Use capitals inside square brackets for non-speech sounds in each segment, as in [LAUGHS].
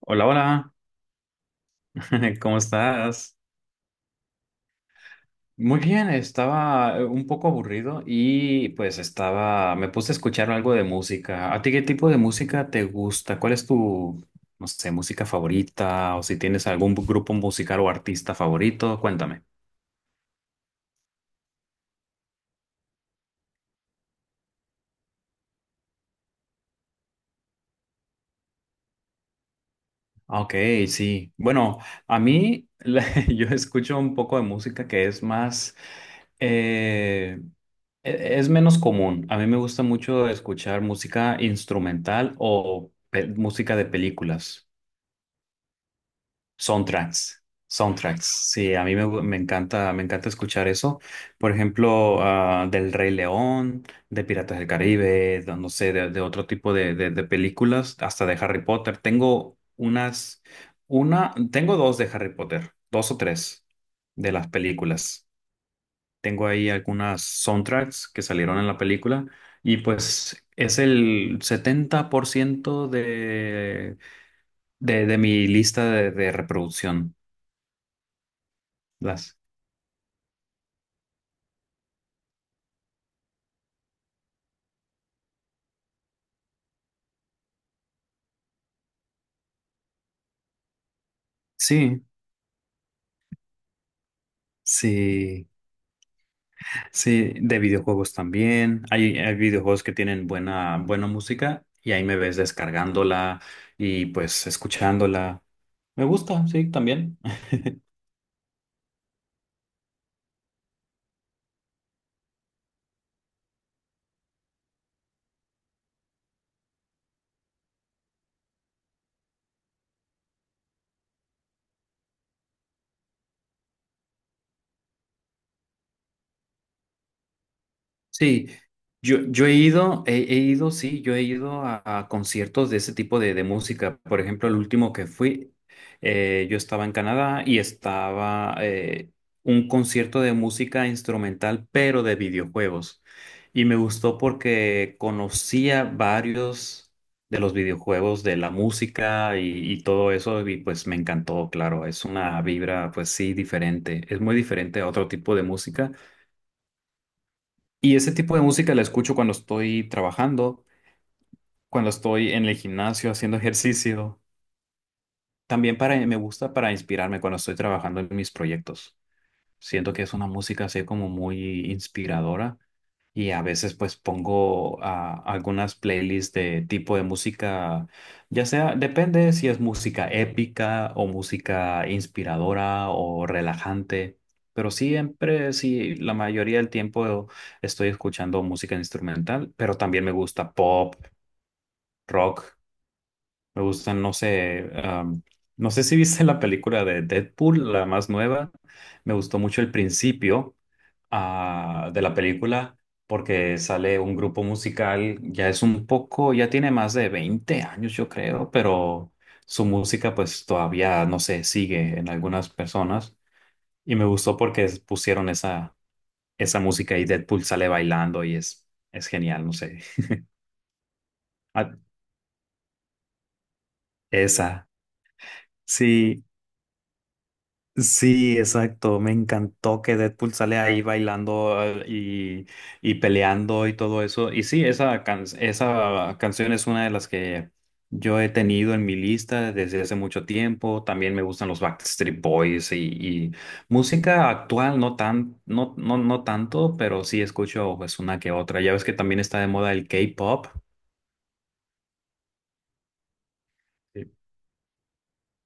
Hola, hola, [LAUGHS] ¿cómo estás? Muy bien, estaba un poco aburrido y pues me puse a escuchar algo de música. ¿A ti qué tipo de música te gusta? ¿Cuál es tu, no sé, música favorita? O si tienes algún grupo musical o artista favorito, cuéntame. Ah, ok, sí. Bueno, a mí [LAUGHS] yo escucho un poco de música que es más, eh, es menos común. A mí me gusta mucho escuchar música instrumental o música de películas. Soundtracks, soundtracks. Sí, a mí me encanta, me encanta escuchar eso. Por ejemplo, del Rey León, de Piratas del Caribe, no sé, de otro tipo de películas, hasta de Harry Potter. Tengo una, tengo dos de Harry Potter, dos o tres de las películas. Tengo ahí algunas soundtracks que salieron en la película y pues es el 70% de mi lista de reproducción. Las. Sí, sí, sí, de videojuegos también. Hay videojuegos que tienen buena música y ahí me ves descargándola y pues escuchándola. Me gusta, sí, también. Sí, yo he ido, he ido, sí, yo he ido a conciertos de ese tipo de música. Por ejemplo, el último que fui, yo estaba en Canadá y estaba un concierto de música instrumental, pero de videojuegos. Y me gustó porque conocía varios de los videojuegos, de la música y todo eso, y pues me encantó, claro, es una vibra, pues sí, diferente, es muy diferente a otro tipo de música y ese tipo de música la escucho cuando estoy trabajando, cuando estoy en el gimnasio haciendo ejercicio. También para, me gusta para inspirarme cuando estoy trabajando en mis proyectos. Siento que es una música así como muy inspiradora y a veces pues pongo algunas playlists de tipo de música, ya sea, depende si es música épica o música inspiradora o relajante, pero siempre, sí, la mayoría del tiempo estoy escuchando música instrumental, pero también me gusta pop, rock, me gustan, no sé, no sé si viste la película de Deadpool, la más nueva, me gustó mucho el principio de la película porque sale un grupo musical, ya es un poco, ya tiene más de 20 años yo creo, pero su música pues todavía, no sé, sigue en algunas personas y me gustó porque pusieron esa, esa música y Deadpool sale bailando y es genial, no sé. Ah, esa, sí. Sí, exacto. Me encantó que Deadpool sale ahí bailando y peleando y todo eso. Y sí, esa canción es una de las que yo he tenido en mi lista desde hace mucho tiempo. También me gustan los Backstreet Boys y música actual, no tanto, pero sí escucho pues una que otra. Ya ves que también está de moda el K-pop. Sí,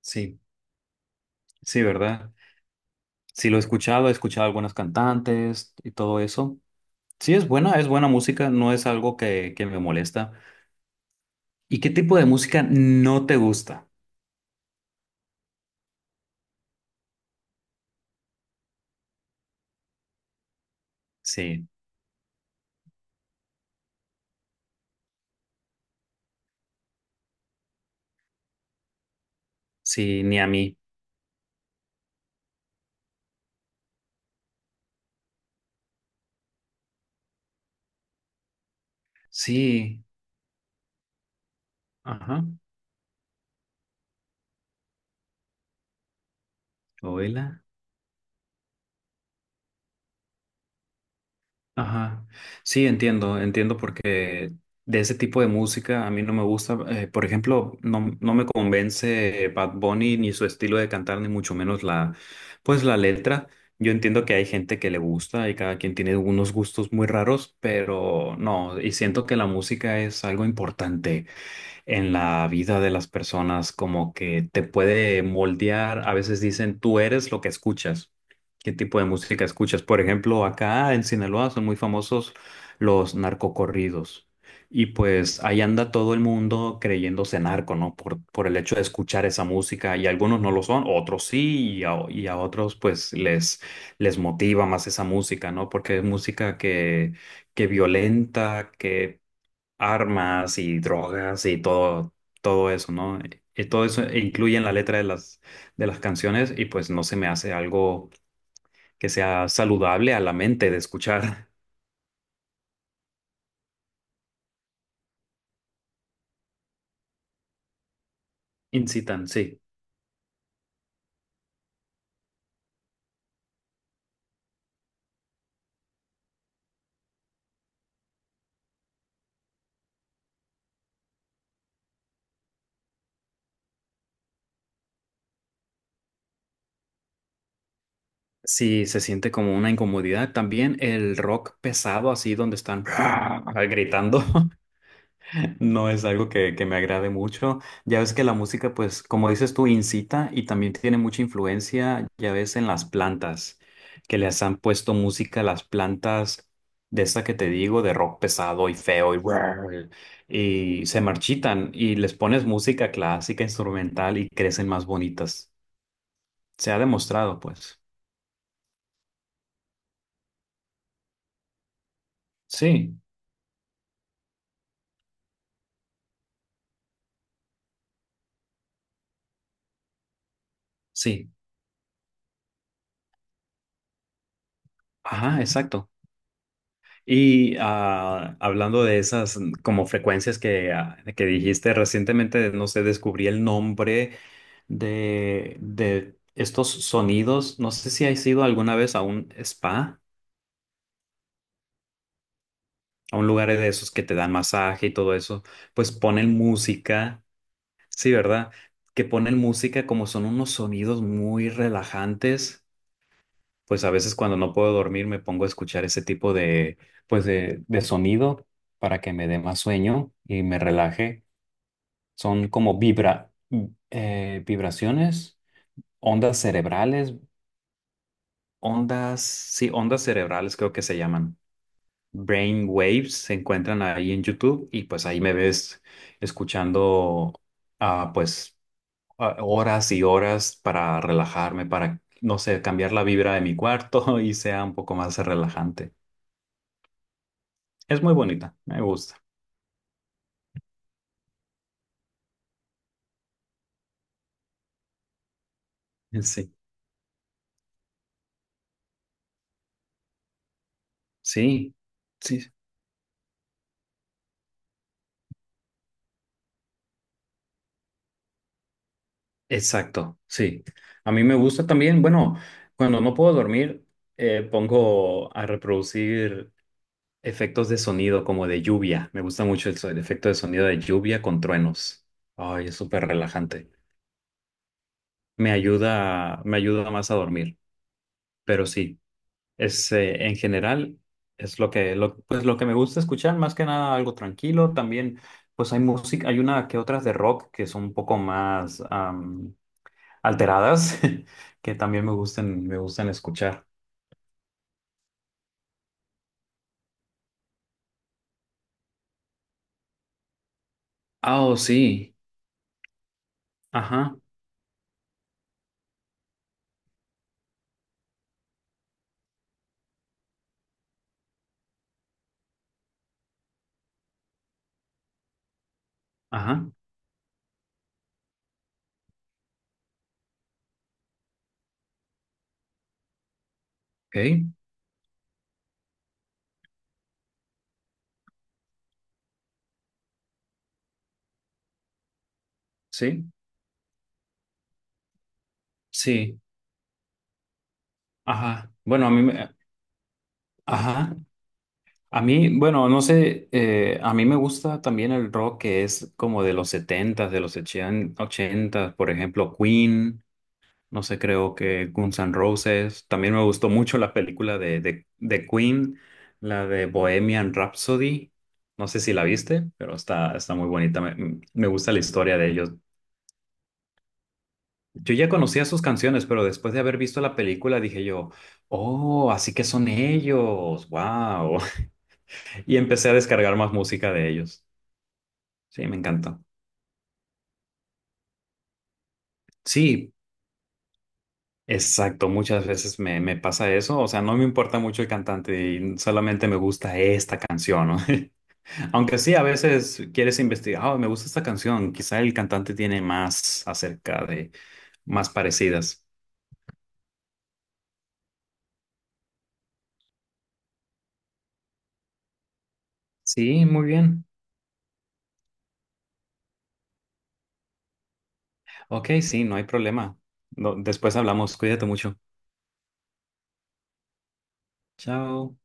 sí, sí, ¿verdad? Sí, lo he escuchado algunas cantantes y todo eso. Sí, es buena música, no es algo que me molesta. ¿Y qué tipo de música no te gusta? Sí, sí, ni a mí. Sí, ajá, oíla, ajá. Sí, entiendo, entiendo porque de ese tipo de música a mí no me gusta. Por ejemplo, no, no me convence Bad Bunny ni su estilo de cantar, ni mucho menos la, pues la letra. Yo entiendo que hay gente que le gusta y cada quien tiene unos gustos muy raros, pero no, y siento que la música es algo importante en la vida de las personas, como que te puede moldear. A veces dicen, tú eres lo que escuchas. ¿Qué tipo de música escuchas? Por ejemplo, acá en Sinaloa son muy famosos los narcocorridos. Y pues ahí anda todo el mundo creyéndose narco, ¿no? Por el hecho de escuchar esa música. Y algunos no lo son, otros sí, y a otros pues les motiva más esa música, ¿no? Porque es música que, violenta, que armas y drogas y todo, todo eso, ¿no? Y todo eso incluye en la letra de las canciones y pues no se me hace algo que sea saludable a la mente de escuchar. [LAUGHS] Incitan, sí. Sí, se siente como una incomodidad. También el rock pesado, así donde están [LAUGHS] gritando. No es algo que me agrade mucho. Ya ves que la música, pues, como dices tú, incita y también tiene mucha influencia, ya ves, en las plantas, que les han puesto música a las plantas de esta que te digo, de rock pesado y feo y, brrr, y se marchitan y les pones música clásica, instrumental y crecen más bonitas. Se ha demostrado, pues. Sí, sí. Ajá, exacto. Y hablando de esas como frecuencias que dijiste recientemente, no sé, descubrí el nombre de estos sonidos. No sé si has ido alguna vez a un spa, a un lugar de esos que te dan masaje y todo eso. Pues ponen música, sí, ¿verdad? Que ponen música como son unos sonidos muy relajantes. Pues a veces cuando no puedo dormir me pongo a escuchar ese tipo de sonido para que me dé más sueño y me relaje. Son como vibraciones, ondas cerebrales, ondas, sí, ondas cerebrales creo que se llaman. Brain waves se encuentran ahí en YouTube y pues ahí me ves escuchando pues horas y horas para relajarme, para, no sé, cambiar la vibra de mi cuarto [LAUGHS] y sea un poco más relajante. Es muy bonita, me gusta. Sí, sí, sí, exacto, sí. A mí me gusta también, bueno, cuando no puedo dormir, pongo a reproducir efectos de sonido como de lluvia. Me gusta mucho el efecto de sonido de lluvia con truenos. Ay, es súper relajante. Me ayuda más a dormir, pero sí. En general, es pues lo que me gusta escuchar, más que nada algo tranquilo. También, pues hay una que otras de rock que son un poco más alteradas, [LAUGHS] que también me gustan, escuchar. Ah, oh, sí. Ajá, ajá, ok, sí, sí, ajá. Bueno, a mí me, ajá. A mí, bueno, no sé, a mí me gusta también el rock que es como de los setentas de los 80 ochentas por ejemplo, Queen. No sé, creo que Guns N' Roses. También me gustó mucho la película de Queen, la de Bohemian Rhapsody. No sé si la viste, pero está, está muy bonita. Me gusta la historia de ellos. Yo ya conocía sus canciones, pero después de haber visto la película dije yo, oh, así que son ellos, wow. [LAUGHS] Y empecé a descargar más música de ellos. Sí, me encanta. Sí, exacto, muchas veces me pasa eso, o sea, no me importa mucho el cantante, y solamente me gusta esta canción, ¿no? [LAUGHS] Aunque sí, a veces quieres investigar, "Ah, me gusta esta canción, quizá el cantante tiene más acerca de más parecidas." Sí, muy bien. Ok, sí, no hay problema. Después hablamos, cuídate mucho. Chao.